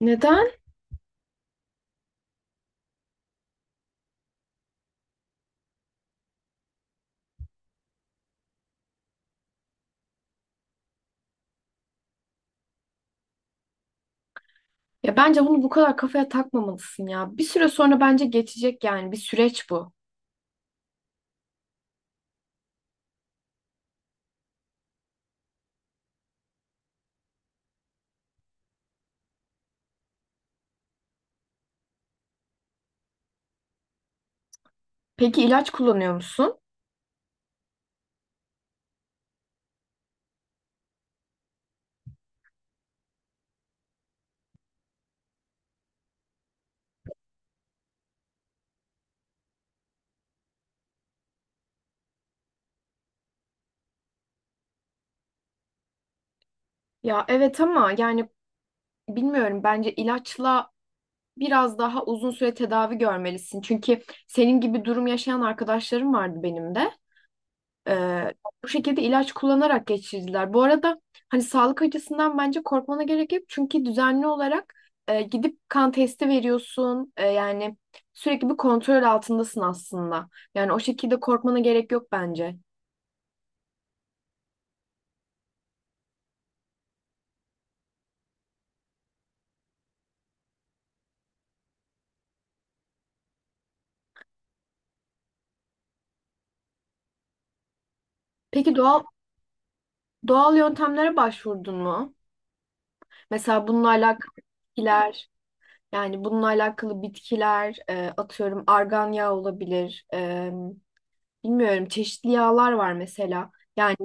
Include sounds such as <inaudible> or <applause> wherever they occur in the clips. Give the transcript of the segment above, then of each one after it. Neden? Ya bence bunu bu kadar kafaya takmamalısın ya. Bir süre sonra bence geçecek yani bir süreç bu. Peki ilaç kullanıyor musun? Ya evet ama yani bilmiyorum bence ilaçla biraz daha uzun süre tedavi görmelisin. Çünkü senin gibi durum yaşayan arkadaşlarım vardı benim de. Ee, Bu şekilde ilaç kullanarak geçirdiler. Bu arada hani sağlık açısından bence korkmana gerek yok. Çünkü düzenli olarak gidip kan testi veriyorsun. E, yani sürekli bir kontrol altındasın aslında. Yani o şekilde korkmana gerek yok bence. Peki doğal yöntemlere başvurdun mu? Mesela bununla alakalı bitkiler, yani bununla alakalı bitkiler, atıyorum argan yağı olabilir. E, bilmiyorum çeşitli yağlar var mesela. Yani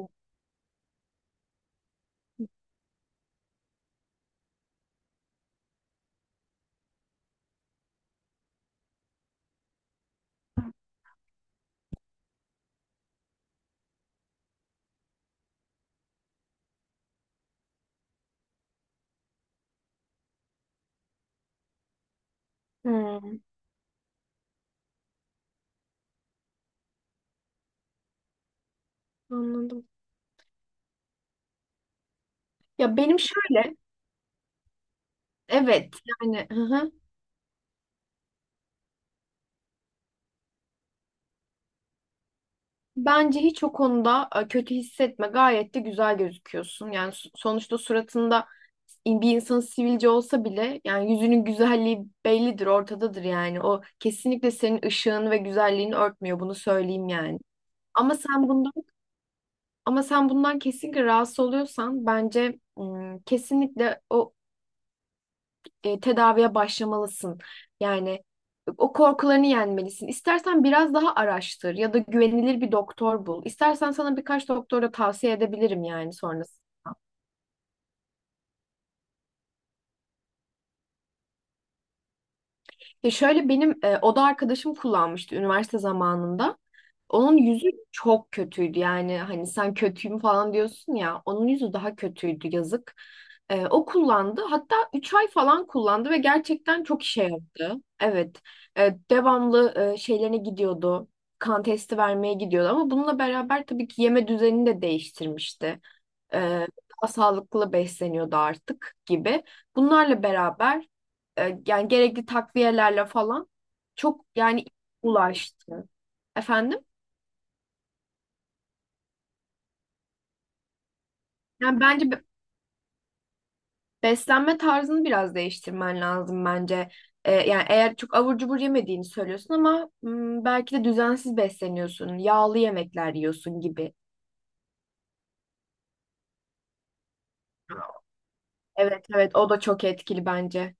hmm, anladım. Ya benim şöyle, evet yani hı hı. Bence hiç o konuda kötü hissetme. Gayet de güzel gözüküyorsun. Yani sonuçta suratında bir insan sivilce olsa bile yani yüzünün güzelliği bellidir, ortadadır yani. O kesinlikle senin ışığın ve güzelliğini örtmüyor. Bunu söyleyeyim yani. Ama sen bundan ama sen bundan kesinlikle rahatsız oluyorsan bence kesinlikle o tedaviye başlamalısın. Yani o korkularını yenmelisin. İstersen biraz daha araştır ya da güvenilir bir doktor bul. İstersen sana birkaç doktora tavsiye edebilirim yani sonrasında. Ya şöyle benim oda arkadaşım kullanmıştı üniversite zamanında. Onun yüzü çok kötüydü yani hani sen kötüyüm falan diyorsun ya onun yüzü daha kötüydü yazık. O kullandı hatta 3 ay falan kullandı ve gerçekten çok işe yaradı. Evet. Devamlı şeylerine gidiyordu, kan testi vermeye gidiyordu ama bununla beraber tabii ki yeme düzenini de değiştirmişti. Ee, Daha sağlıklı besleniyordu artık gibi. Bunlarla beraber yani gerekli takviyelerle falan çok yani ulaştı. Efendim? Yani bence beslenme tarzını biraz değiştirmen lazım bence. Yani eğer çok abur cubur yemediğini söylüyorsun ama hmm, belki de düzensiz besleniyorsun, yağlı yemekler yiyorsun gibi. Evet evet o da çok etkili bence.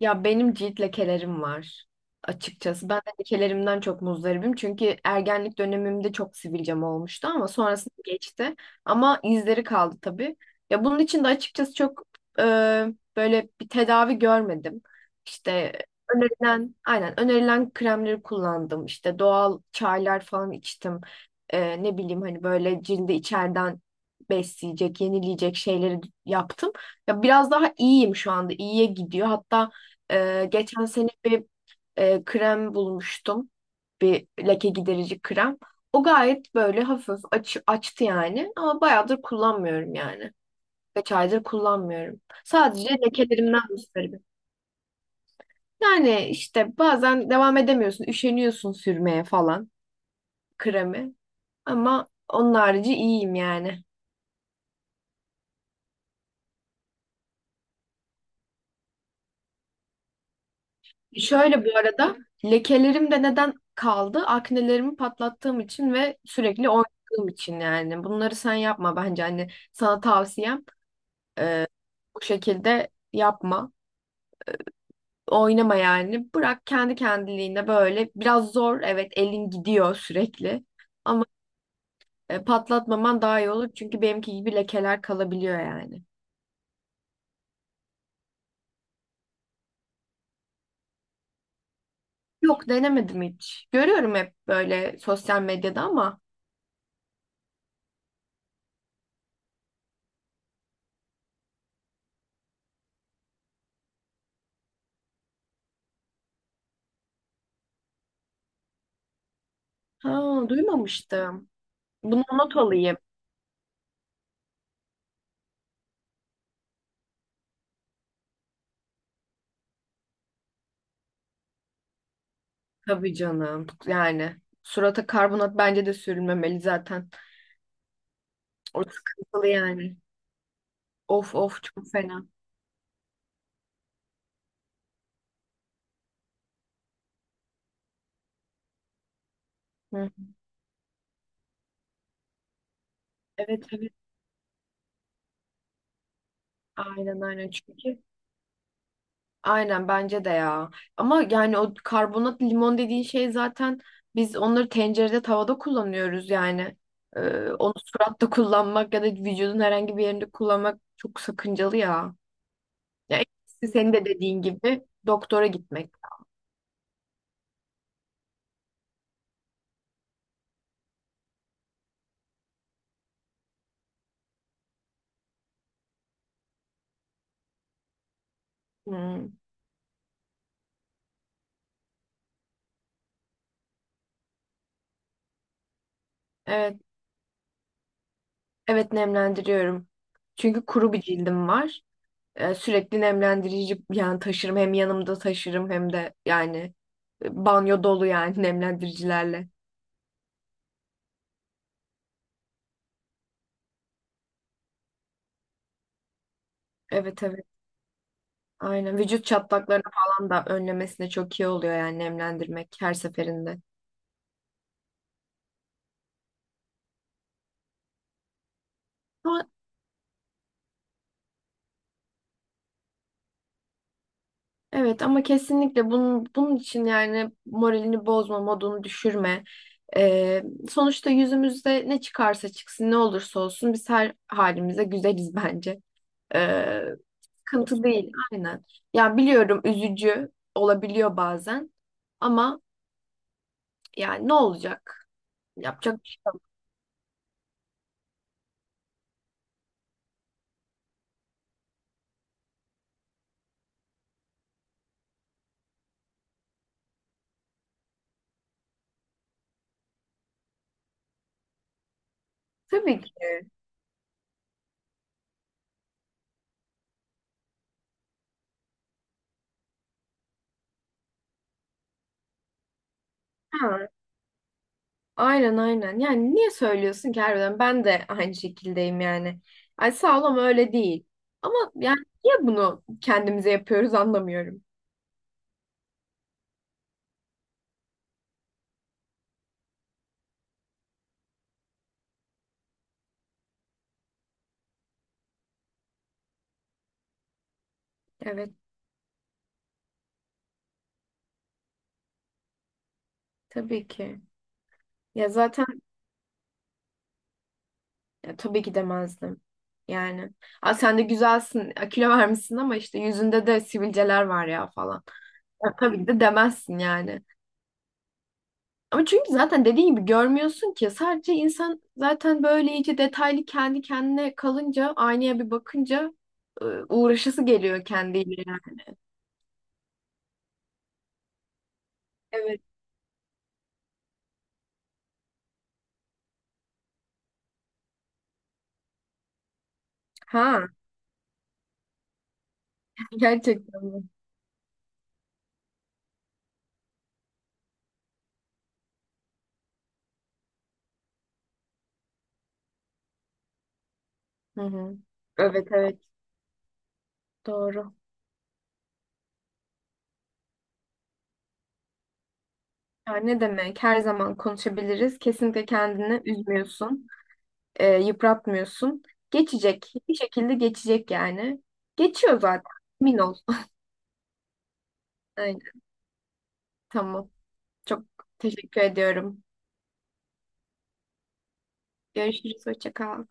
Ya benim cilt lekelerim var açıkçası. Ben de lekelerimden çok muzdaribim. Çünkü ergenlik dönemimde çok sivilcem olmuştu ama sonrasında geçti. Ama izleri kaldı tabii. Ya bunun için de açıkçası çok e, böyle bir tedavi görmedim. İşte önerilen, aynen önerilen kremleri kullandım. İşte doğal çaylar falan içtim. E, ne bileyim hani böyle cildi içeriden besleyecek, yenileyecek şeyleri yaptım. Ya biraz daha iyiyim şu anda. İyiye gidiyor. Hatta geçen sene bir krem bulmuştum. Bir leke giderici krem. O gayet böyle hafif açtı yani. Ama bayağıdır kullanmıyorum yani. Kaç aydır kullanmıyorum. Sadece lekelerimden müsteribim. Yani işte bazen devam edemiyorsun. Üşeniyorsun sürmeye falan kremi. Ama onun harici iyiyim yani. Şöyle bu arada lekelerim de neden kaldı? Aknelerimi patlattığım için ve sürekli oynadığım için yani. Bunları sen yapma bence hani sana tavsiyem bu şekilde yapma. Oynama yani. Bırak kendi kendiliğine böyle. Biraz zor evet elin gidiyor sürekli. Ama patlatmaman daha iyi olur çünkü benimki gibi lekeler kalabiliyor yani. Yok denemedim hiç. Görüyorum hep böyle sosyal medyada ama ha, duymamıştım. Bunu not alayım. Tabii canım. Yani surata karbonat bence de sürülmemeli zaten. O sıkıntılı yani. Of of çok fena. Hı. Evet evet. Aynen aynen çünkü. Aynen bence de ya. Ama yani o karbonat limon dediğin şey zaten biz onları tencerede tavada kullanıyoruz yani. Ee, Onu suratta kullanmak ya da vücudun herhangi bir yerinde kullanmak çok sakıncalı ya. Ya en iyisi senin de dediğin gibi doktora gitmek. Hmm. Evet, evet nemlendiriyorum. Çünkü kuru bir cildim var. Sürekli nemlendirici yani taşırım hem yanımda taşırım hem de yani banyo dolu yani <laughs> nemlendiricilerle. Evet evet. Aynen vücut çatlaklarını falan da önlemesine çok iyi oluyor yani nemlendirmek her seferinde. Ama, evet ama kesinlikle bunun için yani moralini bozma, modunu düşürme. Ee, Sonuçta yüzümüzde ne çıkarsa çıksın ne olursa olsun biz her halimize güzeliz <laughs> bence. Ee, Sıkıntı değil aynen. Ya biliyorum üzücü olabiliyor bazen ama yani ne olacak? Yapacak bir şey- tabii ki. Ha. Aynen aynen. Yani niye söylüyorsun ki harbiden? Ben de aynı şekildeyim yani. Ay sağ ol ama öyle değil. Ama yani niye bunu kendimize yapıyoruz anlamıyorum. Evet tabii ki. Ya zaten ya tabii ki demezdim. Yani. Aa, sen de güzelsin. Ya kilo vermişsin ama işte yüzünde de sivilceler var ya falan. Ya, tabii ki de demezsin yani. Ama çünkü zaten dediğin gibi görmüyorsun ki. Sadece insan zaten böyle iyice detaylı kendi kendine kalınca, aynaya bir bakınca uğraşası geliyor kendiyle. Yani. Evet. Ha, <laughs> gerçekten mi? Hı hı. Evet evet doğru. Ya ne demek? Her zaman konuşabiliriz. Kesinlikle kendini üzmüyorsun, yıpratmıyorsun. Geçecek. Bir şekilde geçecek yani. Geçiyor zaten. Emin ol. Aynen. Tamam. Çok teşekkür ediyorum. Görüşürüz. Hoşça kal.